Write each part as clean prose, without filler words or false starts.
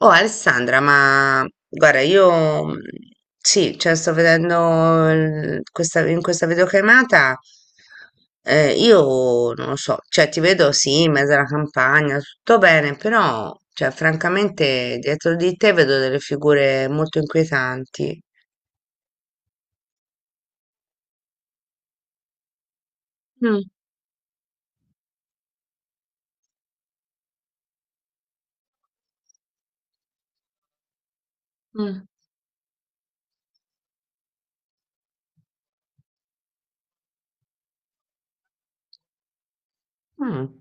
Oh Alessandra, ma guarda, io sì, cioè sto vedendo questa, in questa videochiamata, io non lo so, cioè ti vedo sì, in mezzo alla campagna, tutto bene, però cioè, francamente dietro di te vedo delle figure molto inquietanti. Mm, mm, mm,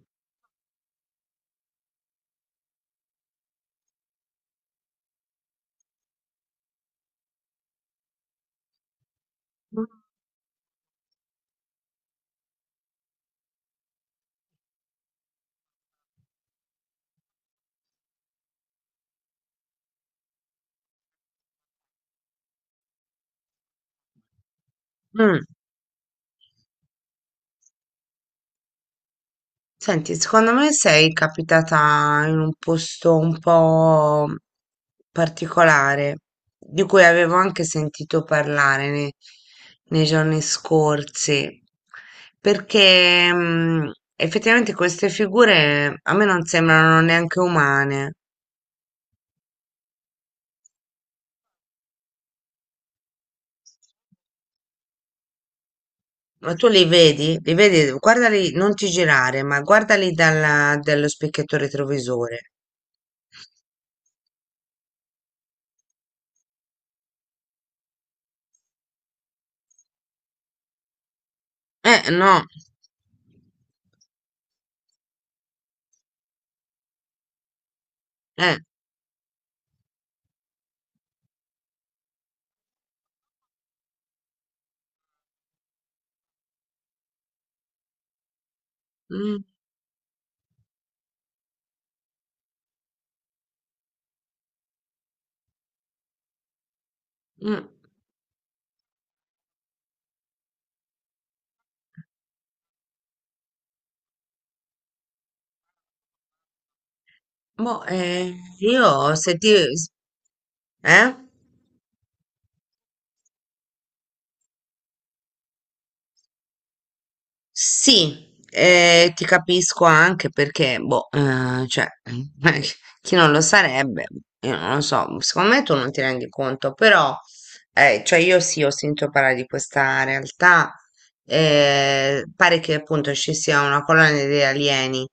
mm. Senti, secondo me sei capitata in un posto un po' particolare, di cui avevo anche sentito parlare nei giorni scorsi, perché effettivamente queste figure a me non sembrano neanche umane, ma tu li vedi, guardali, non ti girare, ma guardali dallo specchietto retrovisore. No, eh. Mm, mm. Boh, io se ti... s- Eh? Sì, ti capisco anche perché, boh, cioè, chi non lo sarebbe, io non lo so, secondo me tu non ti rendi conto, però, cioè io sì, ho sentito parlare di questa realtà, pare che appunto ci sia una colonia di alieni,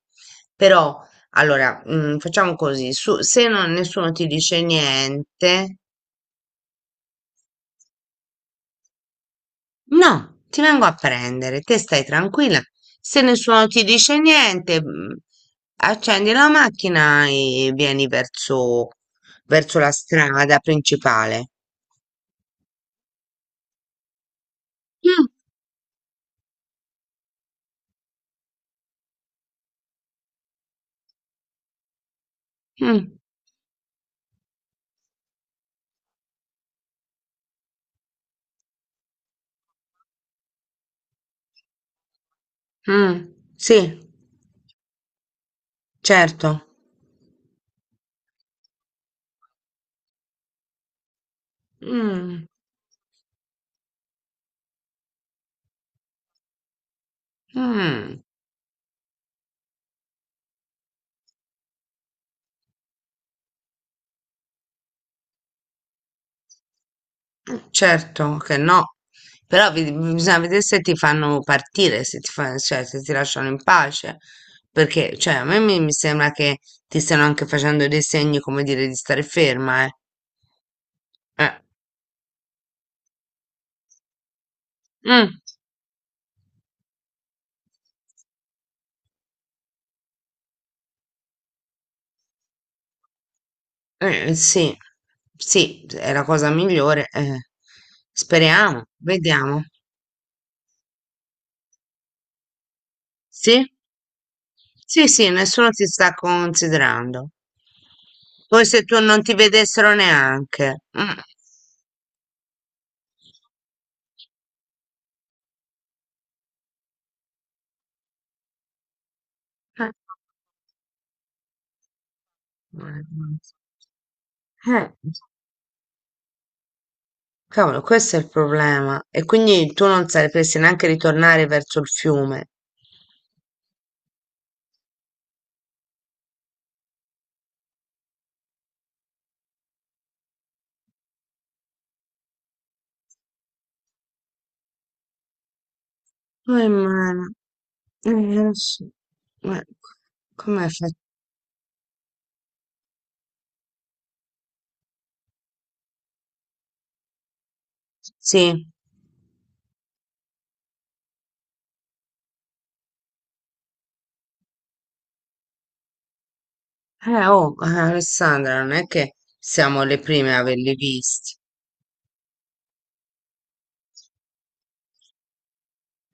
però, allora, facciamo così, su- se non- nessuno ti dice niente... No, ti vengo a prendere, te stai tranquilla. Se nessuno ti dice niente, accendi la macchina e verso la strada principale. Mm, mm, mm, sì, certo. Mm, mm, certo che no. Però bisogna vedere se ti fanno partire, se ti fa- cioè, se ti lasciano in pace. Perché, cioè, a me mi sembra che ti stiano anche facendo dei segni, come dire, di stare ferma, eh. Eh, mh, sì, sì, è la cosa migliore. Eh. Speriamo, vediamo. Sì? Sì, sì, nessuno ti sta considerando. Poi se tu non ti vedessero neanche. Mm. Eh, eh, cavolo, questo è il problema. E quindi tu non sapresti neanche ritornare verso il fiume. Oh, mano, lo so. Ma come fai? Sì. Oh, Alessandra, non è che siamo le prime a averli visti.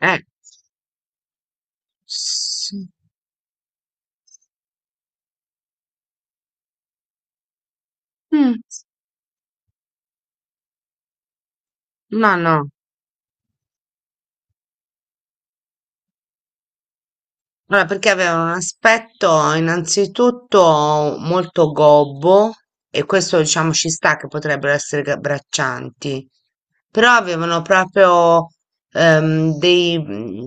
Eh, sì. Mm, no, no. Allora, perché aveva un aspetto innanzitutto molto gobbo e questo diciamo ci sta che potrebbero essere braccianti, però avevano proprio ehm, dei, mm,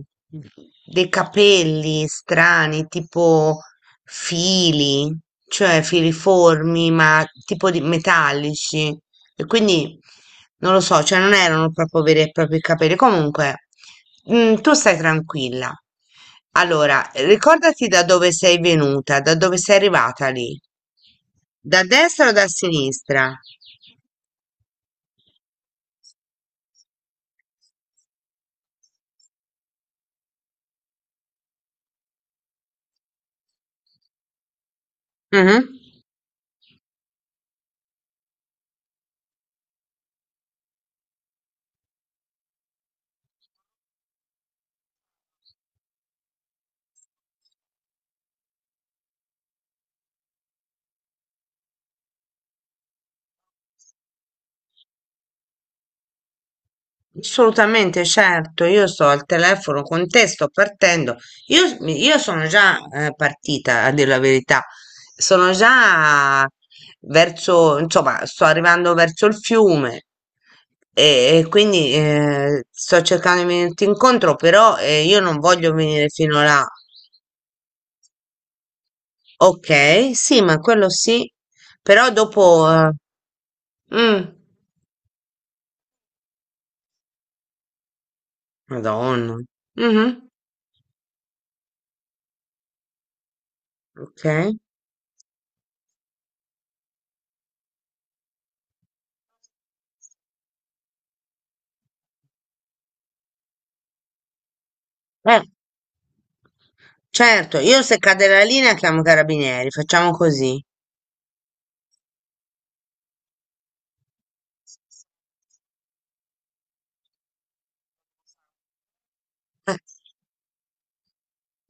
dei capelli strani, tipo fili, cioè filiformi, ma tipo di metallici. E quindi non lo so, cioè non erano proprio veri e propri capelli. Comunque, tu stai tranquilla. Allora, ricordati da dove sei venuta, da dove sei arrivata lì. Da destra o da sinistra? Mhm. Assolutamente, certo, io sto al telefono con te, sto partendo. Io sono già partita, a dire la verità. Sono già verso, insomma, sto arrivando verso il fiume e quindi sto cercando di venirti incontro, però io non voglio venire fino là. Ok, sì, ma quello sì, però dopo... mm, Madonna. Mhm, ok. Eh, certo, io se cade la linea chiamo i carabinieri, facciamo così. Eh,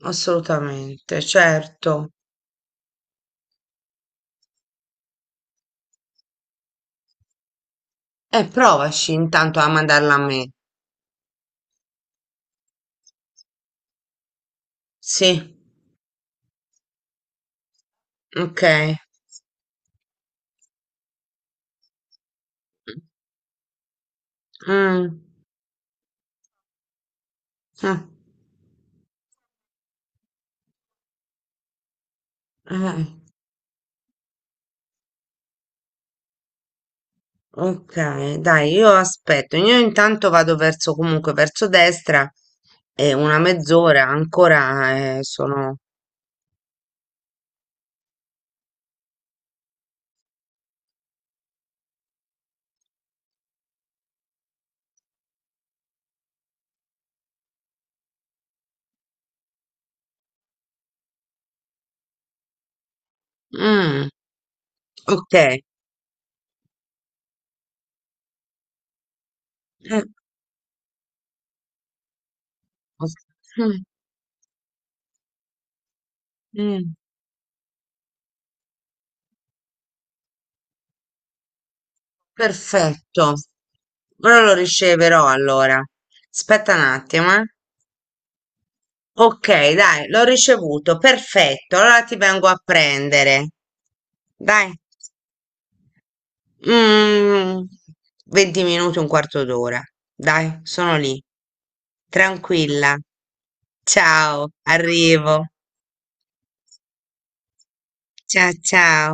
assolutamente, certo. E provaci intanto a mandarla a me. Sì, ok. Mm, eh, eh, ok, dai, io aspetto. Io intanto vado verso comunque verso destra e una mezz'ora ancora sono. Mm, ok. Os- mm, mm. Perfetto. Ora lo riceverò allora. Aspetta un attimo, eh. Ok, dai, l'ho ricevuto. Perfetto. Allora ti vengo a prendere. Dai. Mm, 20 minuti, un quarto d'ora. Dai, sono lì. Tranquilla. Ciao, arrivo. Ciao, ciao.